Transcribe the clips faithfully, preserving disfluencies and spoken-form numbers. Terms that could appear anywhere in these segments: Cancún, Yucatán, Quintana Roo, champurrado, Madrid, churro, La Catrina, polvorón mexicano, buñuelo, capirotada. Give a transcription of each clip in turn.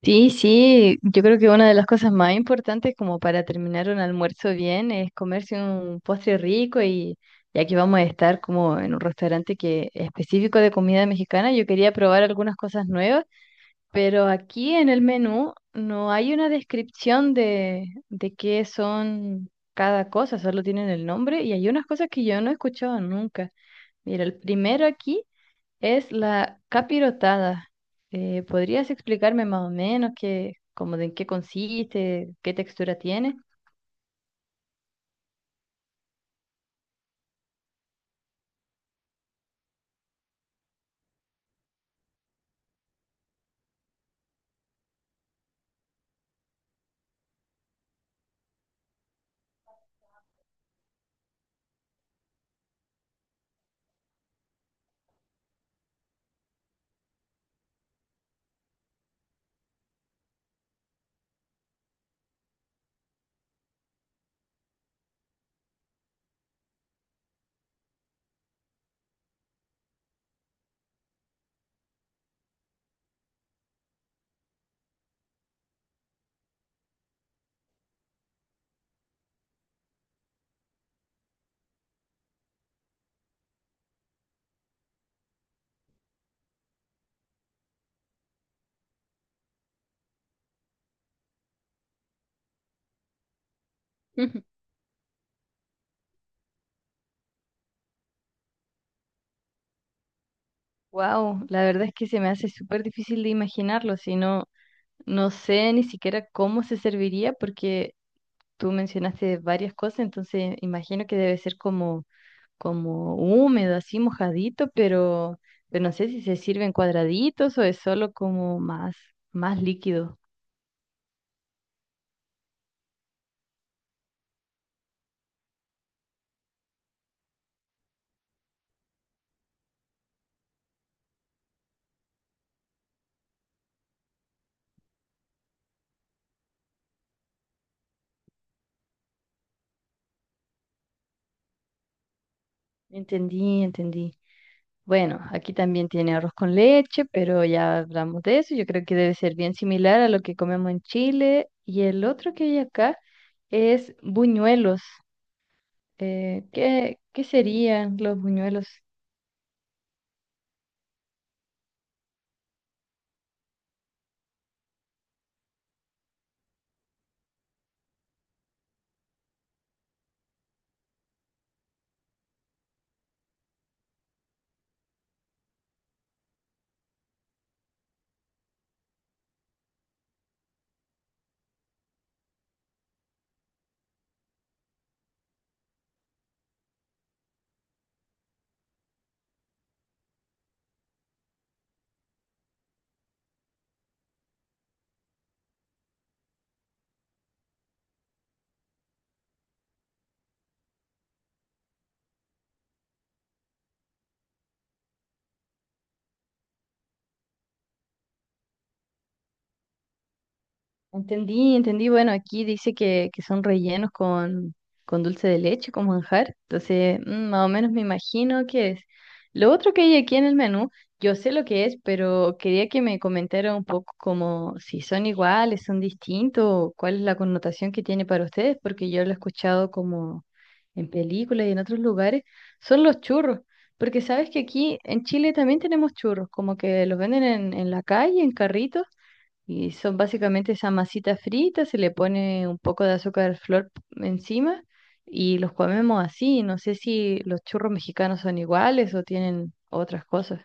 Sí, sí, yo creo que una de las cosas más importantes como para terminar un almuerzo bien es comerse un postre rico y ya que vamos a estar como en un restaurante que es específico de comida mexicana, yo quería probar algunas cosas nuevas, pero aquí en el menú no hay una descripción de, de qué son cada cosa, solo tienen el nombre y hay unas cosas que yo no he escuchado nunca. Mira, el primero aquí es la capirotada. Eh, ¿podrías explicarme más o menos qué, como de en qué consiste, qué textura tiene? Ujú. Wow, la verdad es que se me hace súper difícil de imaginarlo, si no, no sé ni siquiera cómo se serviría porque tú mencionaste varias cosas, entonces imagino que debe ser como, como húmedo, así mojadito, pero, pero no sé si se sirve en cuadraditos o es solo como más, más líquido. Entendí, entendí. Bueno, aquí también tiene arroz con leche, pero ya hablamos de eso. Yo creo que debe ser bien similar a lo que comemos en Chile. Y el otro que hay acá es buñuelos. Eh, ¿qué, qué serían los buñuelos? Entendí, entendí. Bueno, aquí dice que, que son rellenos con, con dulce de leche, con manjar. Entonces, mm, más o menos me imagino qué es. Lo otro que hay aquí en el menú, yo sé lo que es, pero quería que me comentara un poco como si son iguales, son distintos, o cuál es la connotación que tiene para ustedes, porque yo lo he escuchado como en películas y en otros lugares. Son los churros, porque sabes que aquí en Chile también tenemos churros, como que los venden en, en la calle, en carritos y son básicamente esa masita frita, se le pone un poco de azúcar flor encima y los comemos así. No sé si los churros mexicanos son iguales o tienen otras cosas.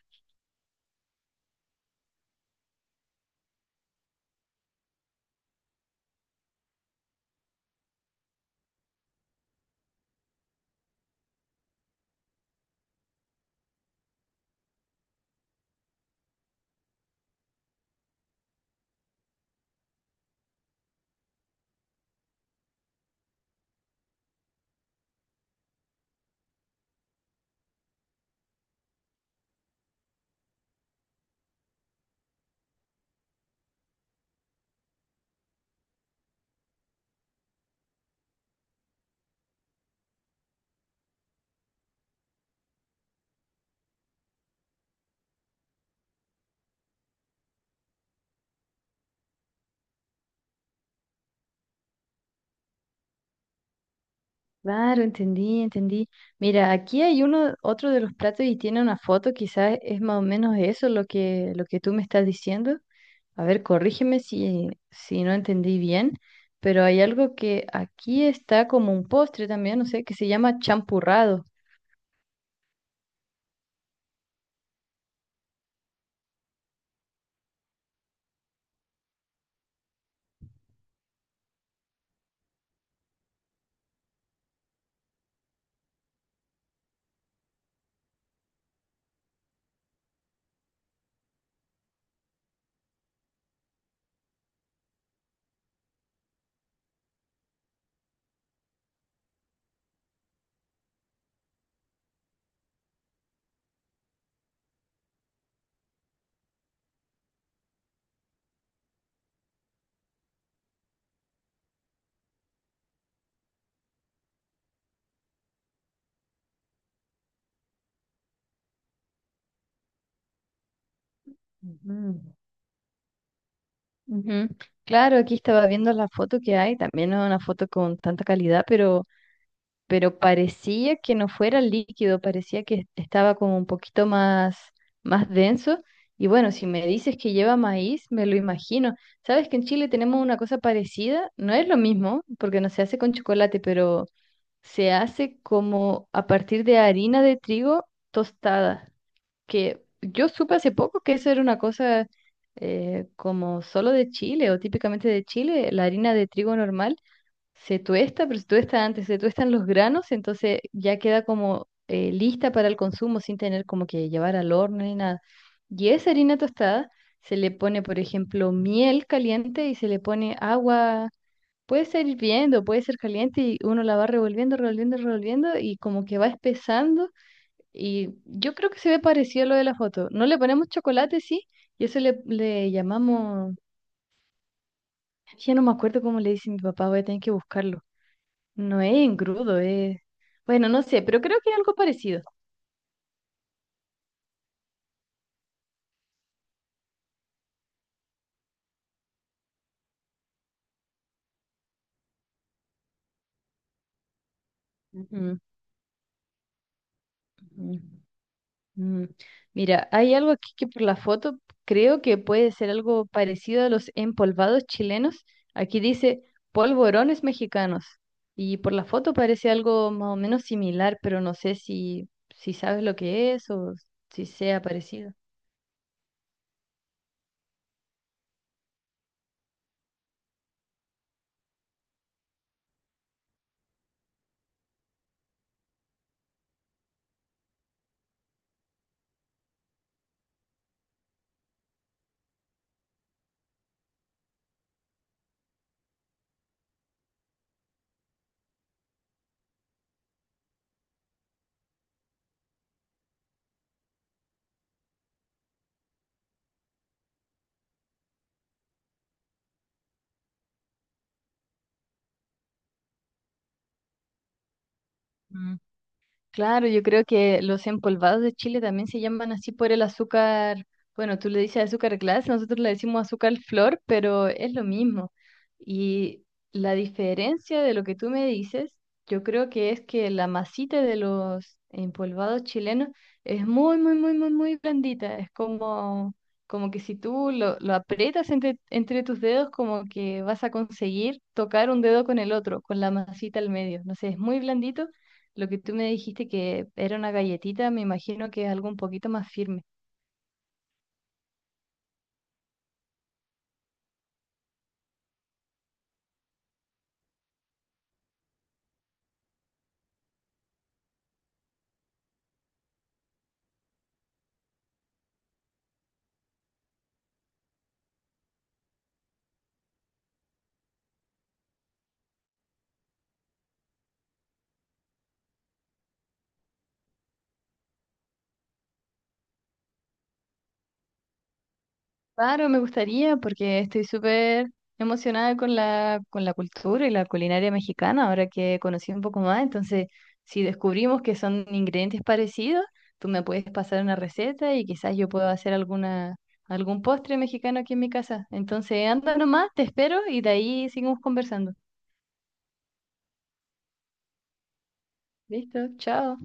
Claro, entendí, entendí. Mira, aquí hay uno, otro de los platos y tiene una foto, quizás es más o menos eso lo que, lo que tú me estás diciendo. A ver, corrígeme si, si no entendí bien, pero hay algo que aquí está como un postre también, no sé, que se llama champurrado. Ujú. Ujú. Claro, aquí estaba viendo la foto que hay, también no es una foto con tanta calidad, pero, pero parecía que no fuera líquido, parecía que estaba como un poquito más, más denso. Y bueno, si me dices que lleva maíz, me lo imagino. Sabes que en Chile tenemos una cosa parecida, no es lo mismo, porque no se hace con chocolate, pero se hace como a partir de harina de trigo tostada que yo supe hace poco que eso era una cosa eh, como solo de Chile o típicamente de Chile, la harina de trigo normal se tuesta, pero se tuesta antes, se tuestan los granos, entonces ya queda como eh, lista para el consumo sin tener como que llevar al horno ni nada. Y esa harina tostada se le pone, por ejemplo, miel caliente y se le pone agua. Puede ser hirviendo, puede ser caliente y uno la va revolviendo, revolviendo, revolviendo y como que va espesando y yo creo que se ve parecido a lo de la foto. No le ponemos chocolate, sí, y eso le, le llamamos, ya no me acuerdo cómo le dice mi papá, voy a tener que buscarlo. No es engrudo, es... Bueno, no sé, pero creo que es algo parecido. Ujú, ujú. Mm, mira, hay algo aquí que por la foto creo que puede ser algo parecido a los empolvados chilenos. Aquí dice polvorones mexicanos y por la foto parece algo más o menos similar, pero no sé si, si sabes lo que es o si sea parecido. Claro, yo creo que los empolvados de Chile también se llaman así por el azúcar, bueno, tú le dices azúcar glass, nosotros le decimos azúcar flor, pero es lo mismo. Y la diferencia de lo que tú me dices, yo creo que es que la masita de los empolvados chilenos es muy, muy, muy, muy, muy blandita. Es como, como que si tú lo, lo aprietas entre, entre tus dedos, como que vas a conseguir tocar un dedo con el otro, con la masita al medio. No sé, es muy blandito lo que tú me dijiste que era una galletita, me imagino que es algo un poquito más firme. Claro, me gustaría porque estoy súper emocionada con la, con la cultura y la culinaria mexicana, ahora que conocí un poco más. Entonces, si descubrimos que son ingredientes parecidos, tú me puedes pasar una receta y quizás yo puedo hacer alguna, algún postre mexicano aquí en mi casa. Entonces, anda nomás, te espero y de ahí seguimos conversando. Listo, chao.